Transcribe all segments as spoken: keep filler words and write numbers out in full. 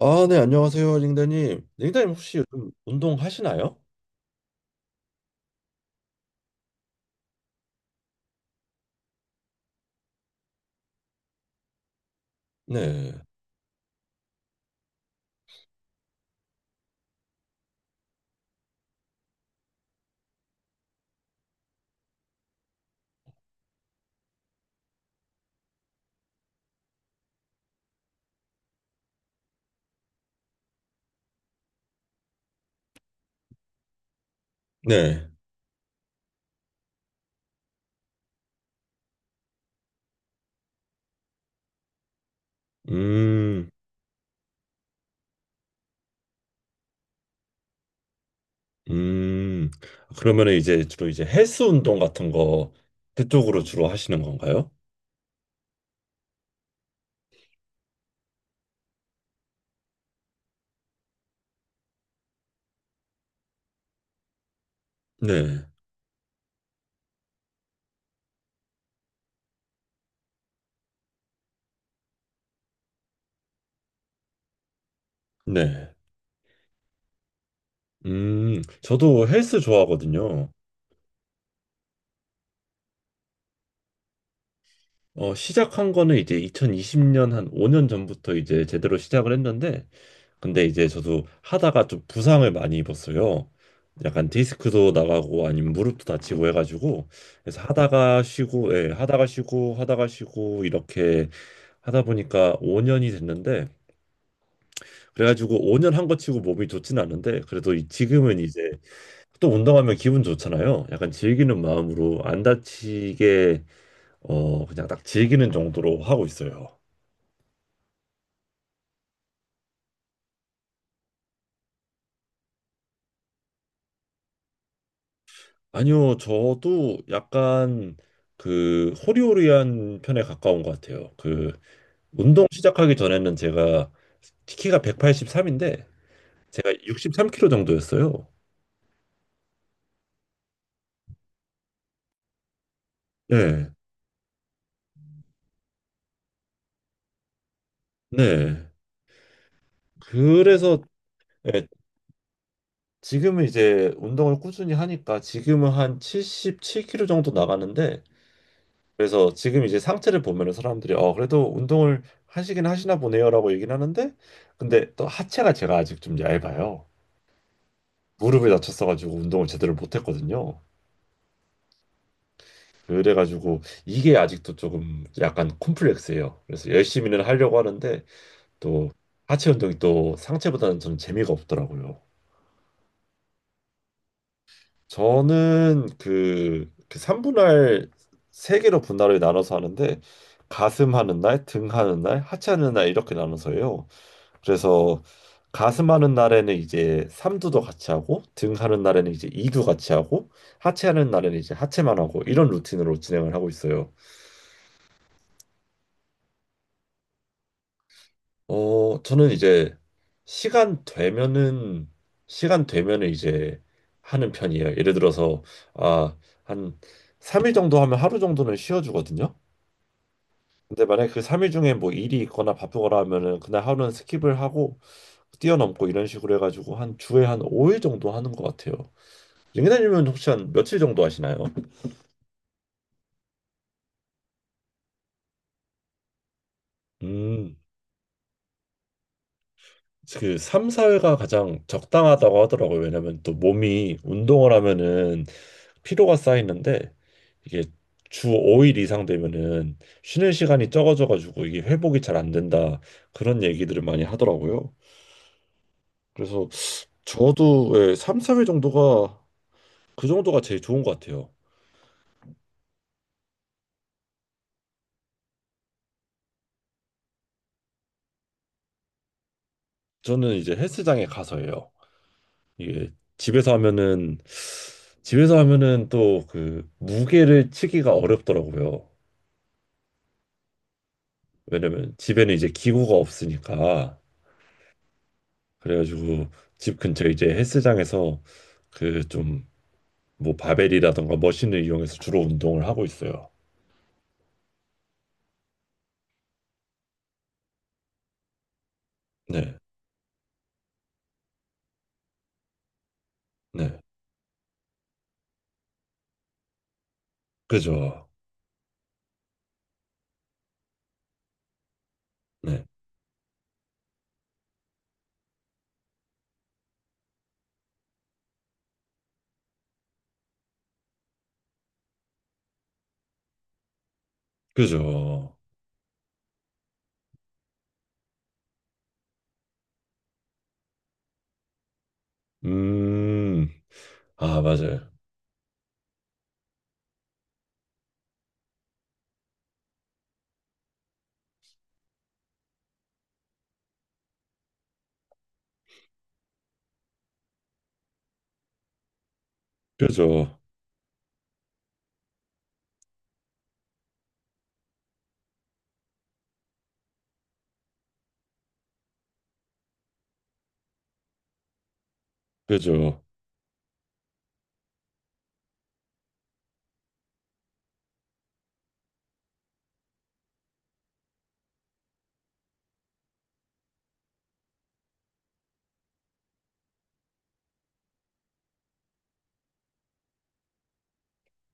아, 네, 안녕하세요, 링다님. 링다님 혹시 요즘 운동하시나요? 네. 네. 음, 음. 그러면 이제 주로 이제 헬스 운동 같은 거 그쪽으로 주로 하시는 건가요? 네. 네. 음, 저도 헬스 좋아하거든요. 어, 시작한 거는 이제 이천이십 년 한 오 년 전부터 이제 제대로 시작을 했는데, 근데 이제 저도 하다가 좀 부상을 많이 입었어요. 약간 디스크도 나가고 아니면 무릎도 다치고 해가지고, 그래서 하다가 쉬고, 예, 하다가 쉬고, 하다가 쉬고, 이렇게 하다 보니까 오 년이 됐는데, 그래가지고 오 년한 거 치고 몸이 좋진 않은데, 그래도 이- 지금은 이제 또 운동하면 기분 좋잖아요. 약간 즐기는 마음으로 안 다치게, 어, 그냥 딱 즐기는 정도로 하고 있어요. 아니요, 저도 약간 그 호리호리한 편에 가까운 것 같아요. 그 운동 시작하기 전에는 제가 키가 백팔십삼인데 제가 육십삼 킬로 정도였어요. 네, 네. 그래서 예, 지금은 이제 운동을 꾸준히 하니까 지금은 한 칠십칠 킬로 정도 나가는데 그래서 지금 이제 상체를 보면은 사람들이 어 그래도 운동을 하시긴 하시나 보네요라고 얘기는 하는데 근데 또 하체가 제가 아직 좀 얇아요. 무릎을 다쳤어가지고 운동을 제대로 못했거든요. 그래가지고 이게 아직도 조금 약간 콤플렉스예요. 그래서 열심히는 하려고 하는데 또 하체 운동이 또 상체보다는 좀 재미가 없더라고요. 저는 그, 그 삼분할 세개로 분할을 나눠서 하는데 가슴 하는 날, 등 하는 날, 하체 하는 날 이렇게 나눠서 해요. 그래서 가슴하는 날에는 이제 삼두도 같이 하고 등하는 날에는 이제 이두 같이 하고 하체하는 날에는 이제 하체만 하고 이런 루틴으로 진행을 하고 있어요. 어, 저는 이제 시간 되면은 시간 되면은 이제 하는 편이에요. 예를 들어서 아, 한 삼 일 정도 하면 하루 정도는 쉬어 주거든요. 근데 만약에 그 삼 일 중에 뭐 일이 있거나 바쁘거나 하면은 그날 하루는 스킵을 하고 뛰어넘고 이런 식으로 해가지고 한 주에 한 오 일 정도 하는 것 같아요. 링크드님은 혹시 한 며칠 정도 하시나요? 음, 그 삼, 사 회가 가장 적당하다고 하더라고요. 왜냐면 또 몸이 운동을 하면은 피로가 쌓이는데 이게 주 오 일 이상 되면은 쉬는 시간이 적어져가지고 이게 회복이 잘 안 된다. 그런 얘기들을 많이 하더라고요. 그래서 저도 예, 삼, 사 회 정도가 그 정도가 제일 좋은 것 같아요. 저는 이제 헬스장에 가서 해요. 이게 집에서 하면은 집에서 하면은 또 그 무게를 치기가 어렵더라고요. 왜냐면 집에는 이제 기구가 없으니까 그래가지고 집 근처 이제 헬스장에서 그 좀 뭐 바벨이라던가 머신을 이용해서 주로 운동을 하고 있어요. 네, 네, 그죠, 네, 그죠. 음, 아 맞아요, 그죠, 그죠.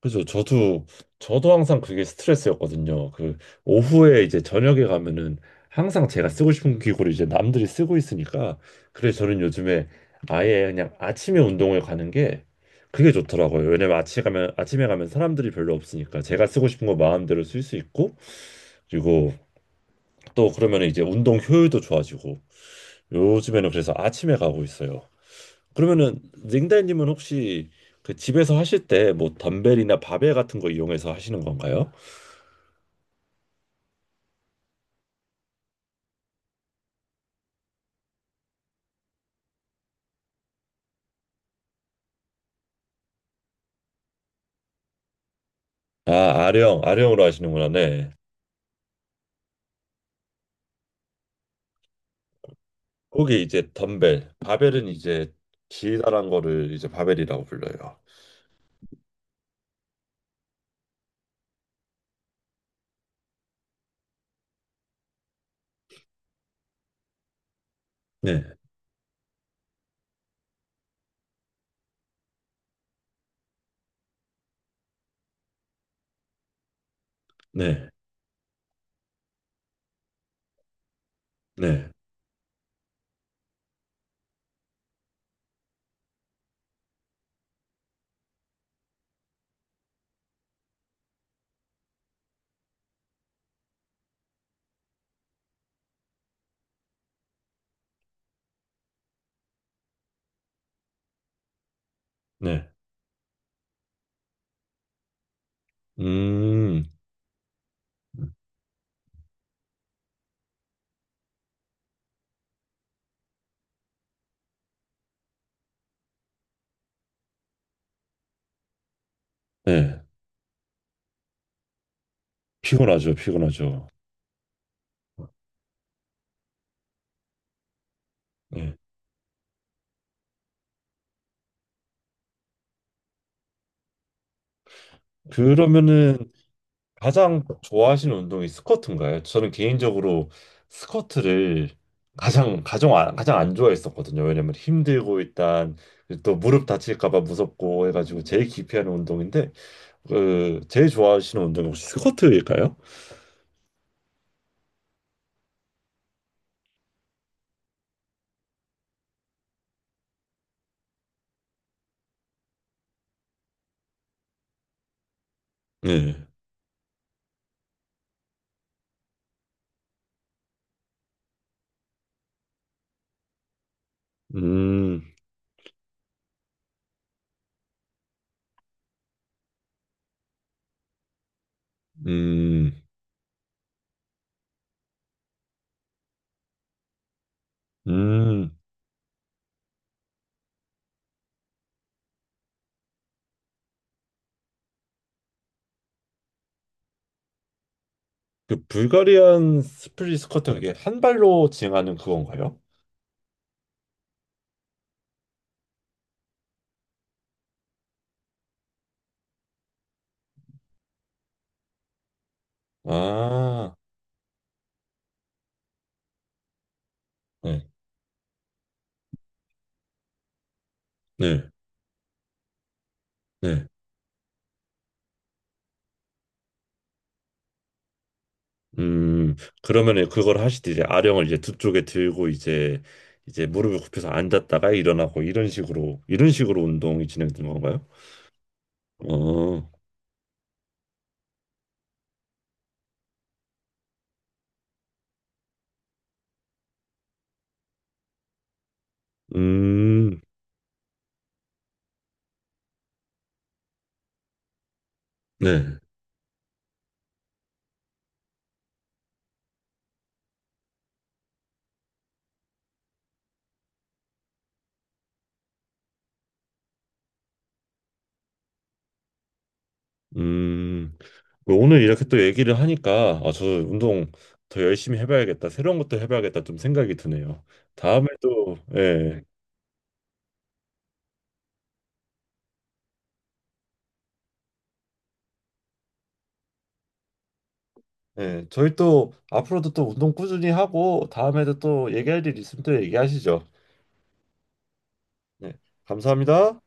그죠. 저도, 저도 항상 그게 스트레스였거든요. 그, 오후에 이제 저녁에 가면은 항상 제가 쓰고 싶은 기구를 이제 남들이 쓰고 있으니까. 그래서 저는 요즘에 아예 그냥 아침에 운동을 가는 게 그게 좋더라고요. 왜냐면 아침에 가면, 아침에 가면 사람들이 별로 없으니까 제가 쓰고 싶은 거 마음대로 쓸 수 있고, 그리고 또 그러면 이제 운동 효율도 좋아지고, 요즘에는 그래서 아침에 가고 있어요. 그러면은, 링달님은 혹시 그 집에서 하실 때 뭐 덤벨이나 바벨 같은 거 이용해서 하시는 건가요? 아, 아령, 아령으로 하시는구나. 네. 그게 이제 덤벨, 바벨은 이제 길다란 거를 이제 바벨이라고 불러요. 네, 네, 네, 네. 음, 네. 피곤하죠, 피곤하죠. 네. 그러면은 가장 좋아하시는 운동이 스쿼트인가요? 저는 개인적으로 스쿼트를 가장 가장 안- 가장 안 좋아했었거든요. 왜냐면 힘들고 일단 또 무릎 다칠까 봐 무섭고 해가지고 제일 기피하는 운동인데 그 제일 좋아하시는 운동이 혹시 스쿼트일까요? 네. 음, 음, 음. 그 불가리안 스플릿 스쿼트 그게 한 발로 진행하는 그건가요? 아, 네, 네, 네. 음, 그러면은 그걸 하실 때 이제 아령을 이제 두 쪽에 들고 이제 이제 무릎을 굽혀서 앉았다가 일어나고 이런 식으로 이런 식으로 운동이 진행되는 건가요? 어, 음, 네. 음, 뭐 오늘 이렇게 또 얘기를 하니까, 아, 저 운동 더 열심히 해봐야겠다. 새로운 것도 해봐야겠다. 좀 생각이 드네요. 다음에 또, 예, 네, 저희 또 앞으로도 또 운동 꾸준히 하고 다음에도 또 얘기할 일 있으면 또 얘기하시죠. 네, 감사합니다.